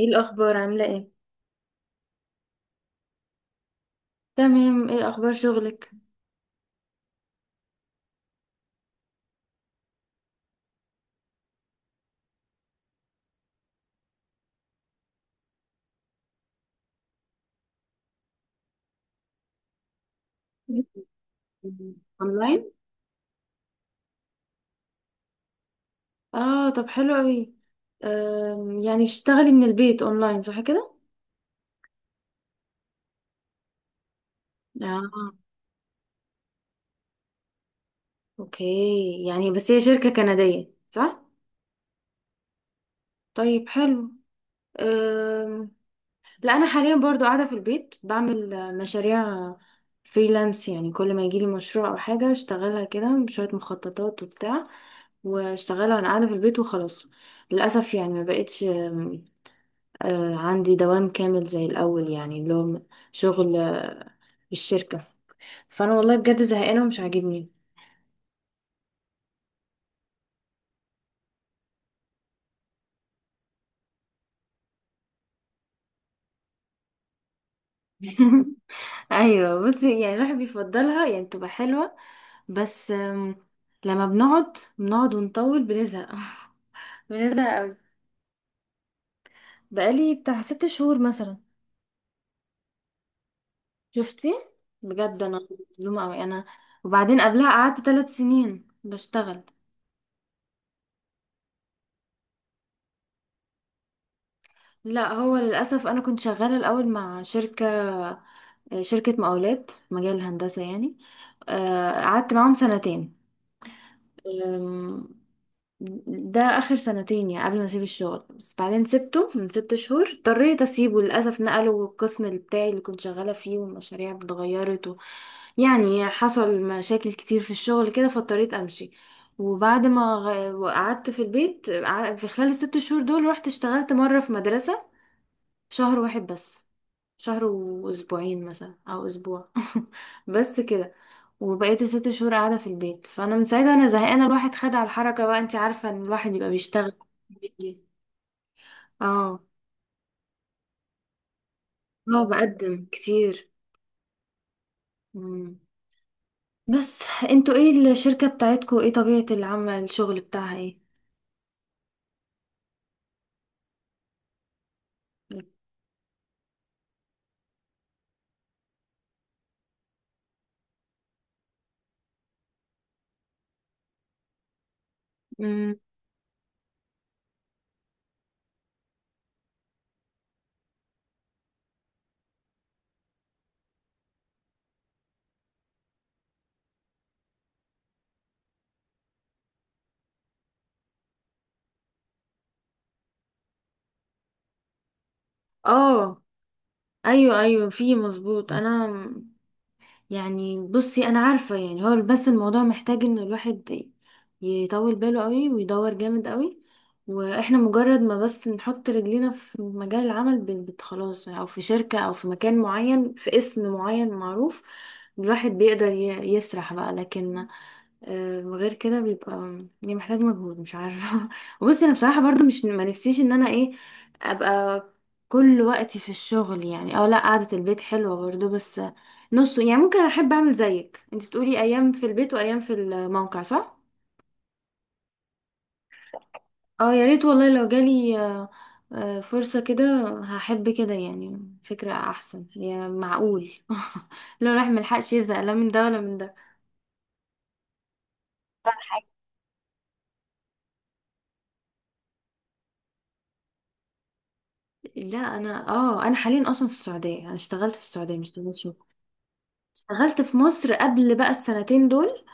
ايه الاخبار؟ عامله ايه؟ تمام. ايه اخبار شغلك؟ اونلاين؟ اه، طب حلو قوي. يعني اشتغلي من البيت اونلاين صح كده؟ اه اوكي، يعني بس هي شركه كنديه صح؟ طيب حلو. أم، لا، انا حاليا برضو قاعده في البيت بعمل مشاريع فريلانس. يعني كل ما يجيلي مشروع او حاجه اشتغلها كده بشويه مخططات وبتاع، واشتغلها وانا قاعده في البيت وخلاص. للاسف يعني ما بقتش عندي دوام كامل زي الأول، يعني اللي هو شغل الشركة. فأنا والله بجد زهقانة ومش عاجبني. أيوة، بصي يعني الواحد بيفضلها، يعني بتبقى حلوة بس. لما بنقعد بنقعد ونطول بنزهق. بنزهق أوي. بقالي بتاع ست شهور مثلا. شفتي؟ بجد أنا مظلومة أوي أنا. وبعدين قبلها قعدت ثلاث سنين بشتغل. لا، هو للأسف أنا كنت شغالة الأول مع شركة، شركة مقاولات في مجال الهندسة يعني. قعدت معاهم سنتين. آم، ده آخر سنتين يعني قبل ما أسيب الشغل. بس بعدين سبته من ست شهور، اضطريت أسيبه للأسف. نقلوا القسم بتاعي اللي كنت شغالة فيه، والمشاريع اتغيرت و يعني حصل مشاكل كتير في الشغل كده، فاضطريت أمشي. وبعد ما قعدت في البيت في خلال الست شهور دول، رحت اشتغلت مرة في مدرسة. شهر واحد بس. شهر واسبوعين مثلا او اسبوع. بس كده. وبقيت الست شهور قاعده في البيت، فانا من ساعتها انا زهقانه. الواحد خد على الحركه بقى، انت عارفه ان الواحد يبقى بيشتغل، بيجي. اه، اه بقدم كتير. مم. بس، انتوا ايه الشركه بتاعتكوا؟ ايه طبيعه العمل؟ الشغل بتاعها ايه؟ مم. اه، ايوه ايوه، في مظبوط انا. يعني بصي، انا عارفة يعني، هو بس الموضوع محتاج ان الواحد يطول باله قوي ويدور جامد قوي. واحنا مجرد ما بس نحط رجلينا في مجال العمل خلاص، او في شركة او في مكان معين في اسم معين معروف، الواحد بيقدر يسرح بقى. لكن غير كده بيبقى يعني محتاج مجهود، مش عارفة. وبصي انا بصراحة برضو مش، ما نفسيش ان انا ايه، ابقى كل وقتي في الشغل يعني. اه لا، قعدة البيت حلوة برضو بس، نص. يعني ممكن احب اعمل زيك انت بتقولي ايام في البيت وايام في الموقع صح. اه، يا ريت والله لو جالي فرصة كده، هحب كده يعني. فكرة احسن يعني، معقول. لو الواحد ملحقش يزهق لا من ده ولا من ده. لا، انا حاليا اصلا في السعوديه، انا اشتغلت في السعوديه، مش اشتغلت شغل. اشتغلت في مصر قبل بقى السنتين دول.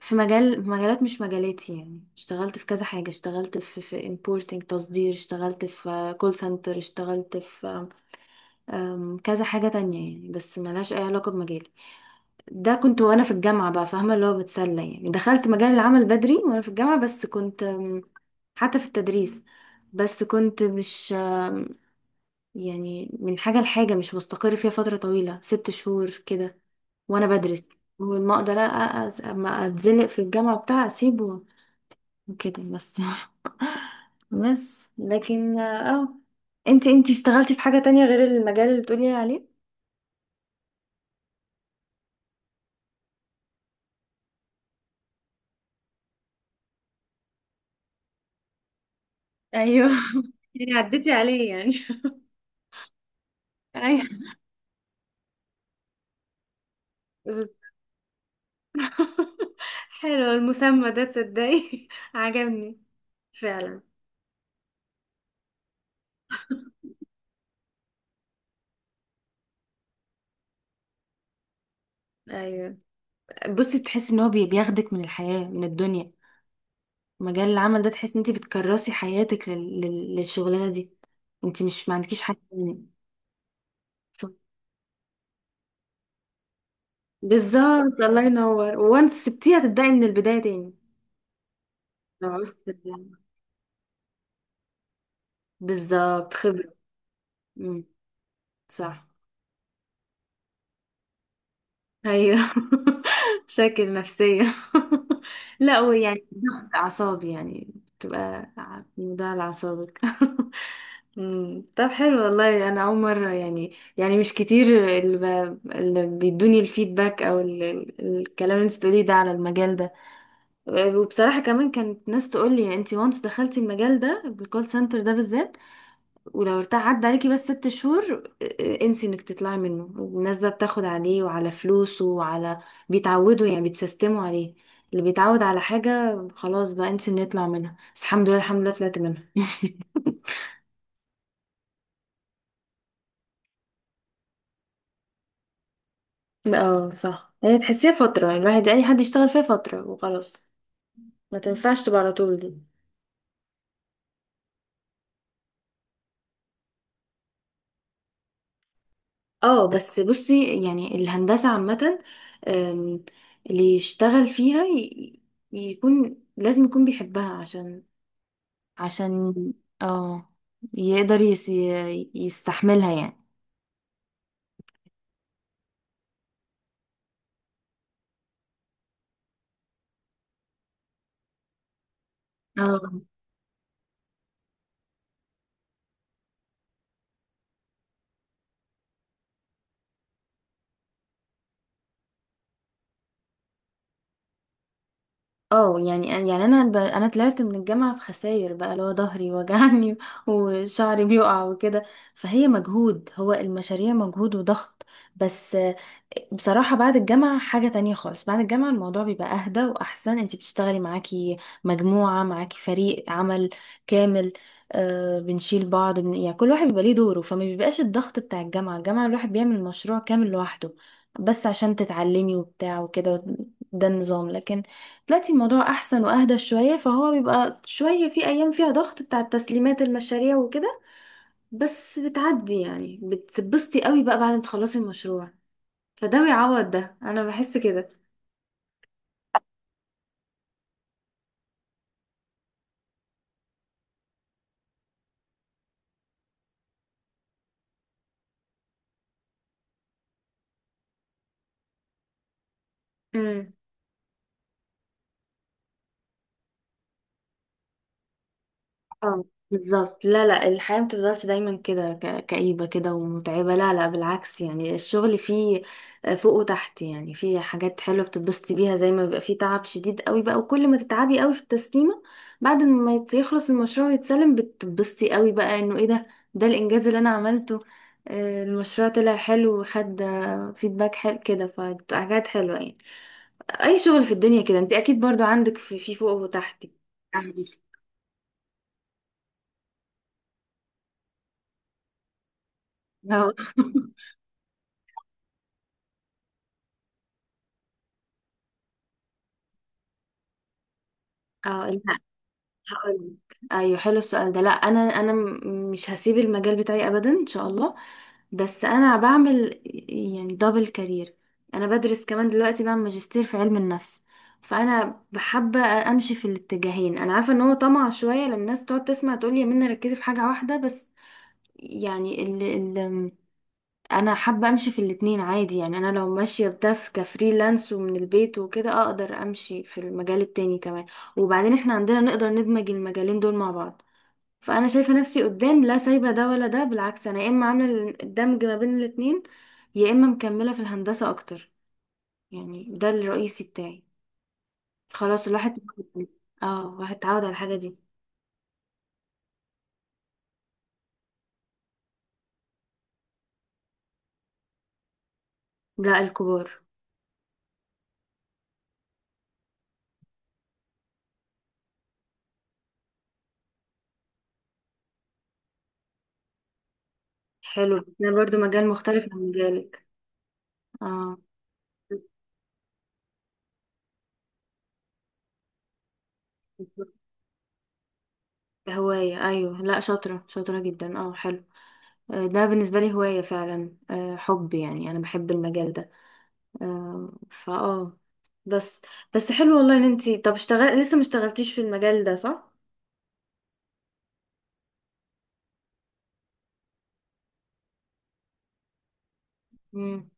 في مجالات مش مجالاتي يعني، اشتغلت في كذا حاجه، اشتغلت في importing تصدير، اشتغلت في كول سنتر، اشتغلت في كذا حاجة تانية يعني، بس ملهاش أي علاقة بمجالي. ده كنت وأنا في الجامعة بقى، فاهمة، اللي هو بتسلى يعني. دخلت مجال العمل بدري وأنا في الجامعة، بس كنت حتى في التدريس. بس كنت مش يعني من حاجة لحاجة، مش مستقر فيها فترة طويلة، ست شهور كده، وأنا بدرس. وما أقدر أما أتزنق في الجامعة بتاع أسيبه وكده بس. بس لكن اه. انتي اشتغلتي في حاجة تانية غير المجال اللي بتقولي عليه؟ ايوه. يعني عديتي عليه يعني. ايوه. بس- حلو المسمى ده، تصدقي؟ عجبني فعلا. ايوه، بصي تحسي ان هو بياخدك من الحياة من الدنيا، مجال العمل ده. تحسي ان انت بتكرسي حياتك للشغلانة دي، انت مش ما عندكيش حاجة تاني. ف- بالظبط، الله ينور. وانت سبتيها تبدأي من البداية تاني لو عوزتي ترجعي. بالظبط، خبرة. امم. صح. ايوه. مشاكل نفسية. لا هو يعني ضغط اعصاب يعني. بتبقى ده على اعصابك. طب حلو والله، انا اول مرة يعني، مش كتير اللي بيدوني الفيدباك او الكلام اللي انت بتقوليه ده على المجال ده. وبصراحة كمان كانت ناس تقول لي انت وانس دخلتي المجال ده، الكول سنتر ده بالذات، ولو ارتاح عدى عليكي بس ست شهور انسي انك تطلعي منه. الناس بقى بتاخد عليه وعلى فلوسه وعلى، بيتعودوا يعني، بيتسيستموا عليه. اللي بيتعود على حاجة خلاص بقى، انسي انه يطلع منها. بس الحمد لله، الحمد لله طلعت منها. اه صح، هي تحسيها فترة يعني. الواحد، اي حد يشتغل فيها فترة وخلاص، ما تنفعش تبقى على طول دي. اه بس بصي، يعني الهندسة عامة. ام، اللي يشتغل فيها يكون لازم يكون بيحبها، عشان عشان اه يقدر يستحملها يعني. اه اه يعني، انا طلعت من الجامعه في خساير بقى، اللي هو ظهري وجعني. وشعري بيقع وكده. فهي مجهود، هو المشاريع مجهود وضغط. بس بصراحه بعد الجامعه حاجه تانية خالص. بعد الجامعه الموضوع بيبقى اهدى واحسن، انتي بتشتغلي، معاكي مجموعه، معاكي فريق عمل كامل. آه بنشيل بعض يعني كل واحد بيبقى ليه دوره، فما بيبقاش الضغط بتاع الجامعه. الجامعه الواحد بيعمل مشروع كامل لوحده، بس عشان تتعلمي وبتاع وكده. ده النظام. لكن دلوقتي الموضوع احسن واهدى شويه، فهو بيبقى شويه، في ايام فيها ضغط بتاع التسليمات المشاريع وكده، بس بتعدي يعني، بتتبسطي قوي بقى بعد ما تخلصي المشروع. فده بيعوض ده، انا بحس كده. امم. اه. بالظبط. لا لا، الحياة متفضلش دايما كده كئيبة كده ومتعبة. لا لا بالعكس، يعني الشغل فيه فوق وتحت يعني. فيه حاجات حلوة بتتبسطي بيها، زي ما بيبقى فيه تعب شديد قوي بقى، وكل ما تتعبي قوي في التسليمة، بعد ما يخلص المشروع ويتسلم بتتبسطي قوي بقى، انه ايه ده، ده الانجاز اللي انا عملته. المشروع طلع حلو وخد فيدباك حلو كده، فحاجات حلوة يعني. اي شغل في الدنيا كده، انت اكيد برضو عندك في فوق وتحت يعني. اه. اه. لا هقولك، ايوه، حلو السؤال ده. لا، مش هسيب المجال بتاعي ابدا ان شاء الله. بس انا بعمل يعني دبل كارير. انا بدرس كمان دلوقتي، بعمل ماجستير في علم النفس. فانا بحب امشي في الاتجاهين. انا عارفه ان هو طمع شويه، لان الناس تقعد تسمع، تقول لي يا منى ركزي في حاجه واحده بس، يعني. انا حابه امشي في الاتنين عادي يعني. انا لو ماشيه بده في كفريلانس ومن البيت وكده، اقدر امشي في المجال التاني كمان. وبعدين احنا عندنا نقدر ندمج المجالين دول مع بعض. فانا شايفه نفسي قدام لا سايبه ده ولا ده. بالعكس، انا يا اما عامله الدمج ما بين الاتنين، يا اما مكمله في الهندسه اكتر يعني، ده الرئيسي بتاعي. خلاص الواحد اتعود على الحاجه دي. لا الكبار. حلو ده برضو، مجال مختلف عن مجالك. اه. هواية، أيوة. لا، شاطرة شاطرة جدا، اه. حلو. ده بالنسبة لي هواية فعلا، حب يعني، أنا بحب المجال ده. آه، فاه. بس بس حلو والله إن انتي، طب اشتغل لسه ما اشتغلتيش في المجال ده صح؟ مم.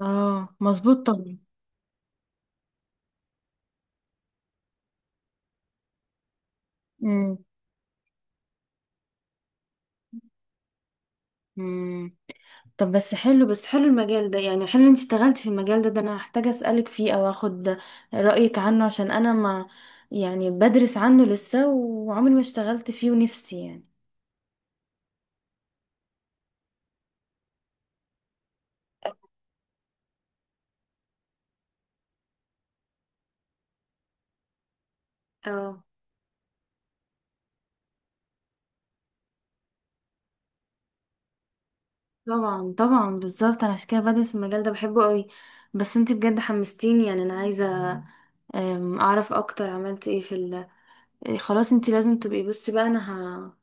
اه، مظبوط طبعا. امم. مم. طب بس حلو المجال ده يعني، حلو إن انتي اشتغلتي في المجال ده. ده أنا هحتاج أسألك فيه أو أخد رأيك عنه، عشان أنا ما، يعني بدرس عنه لسه وعمري ما اشتغلت فيه، ونفسي يعني. اه طبعا طبعا بالظبط، انا عشان كده بدرس المجال ده، بحبه قوي. بس انتي بجد حمستيني يعني، انا عايزه اعرف اكتر، عملت ايه في خلاص انتي لازم تبقي، بصي بقى انا ه...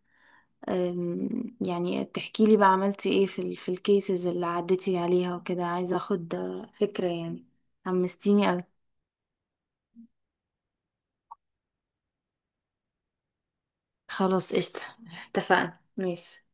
يعني تحكي لي بقى عملتي ايه في الكيسز اللي عديتي عليها وكده، عايزه اخد فكره يعني، حمستيني قوي. خلاص قشطه. اتفقنا، ماشي.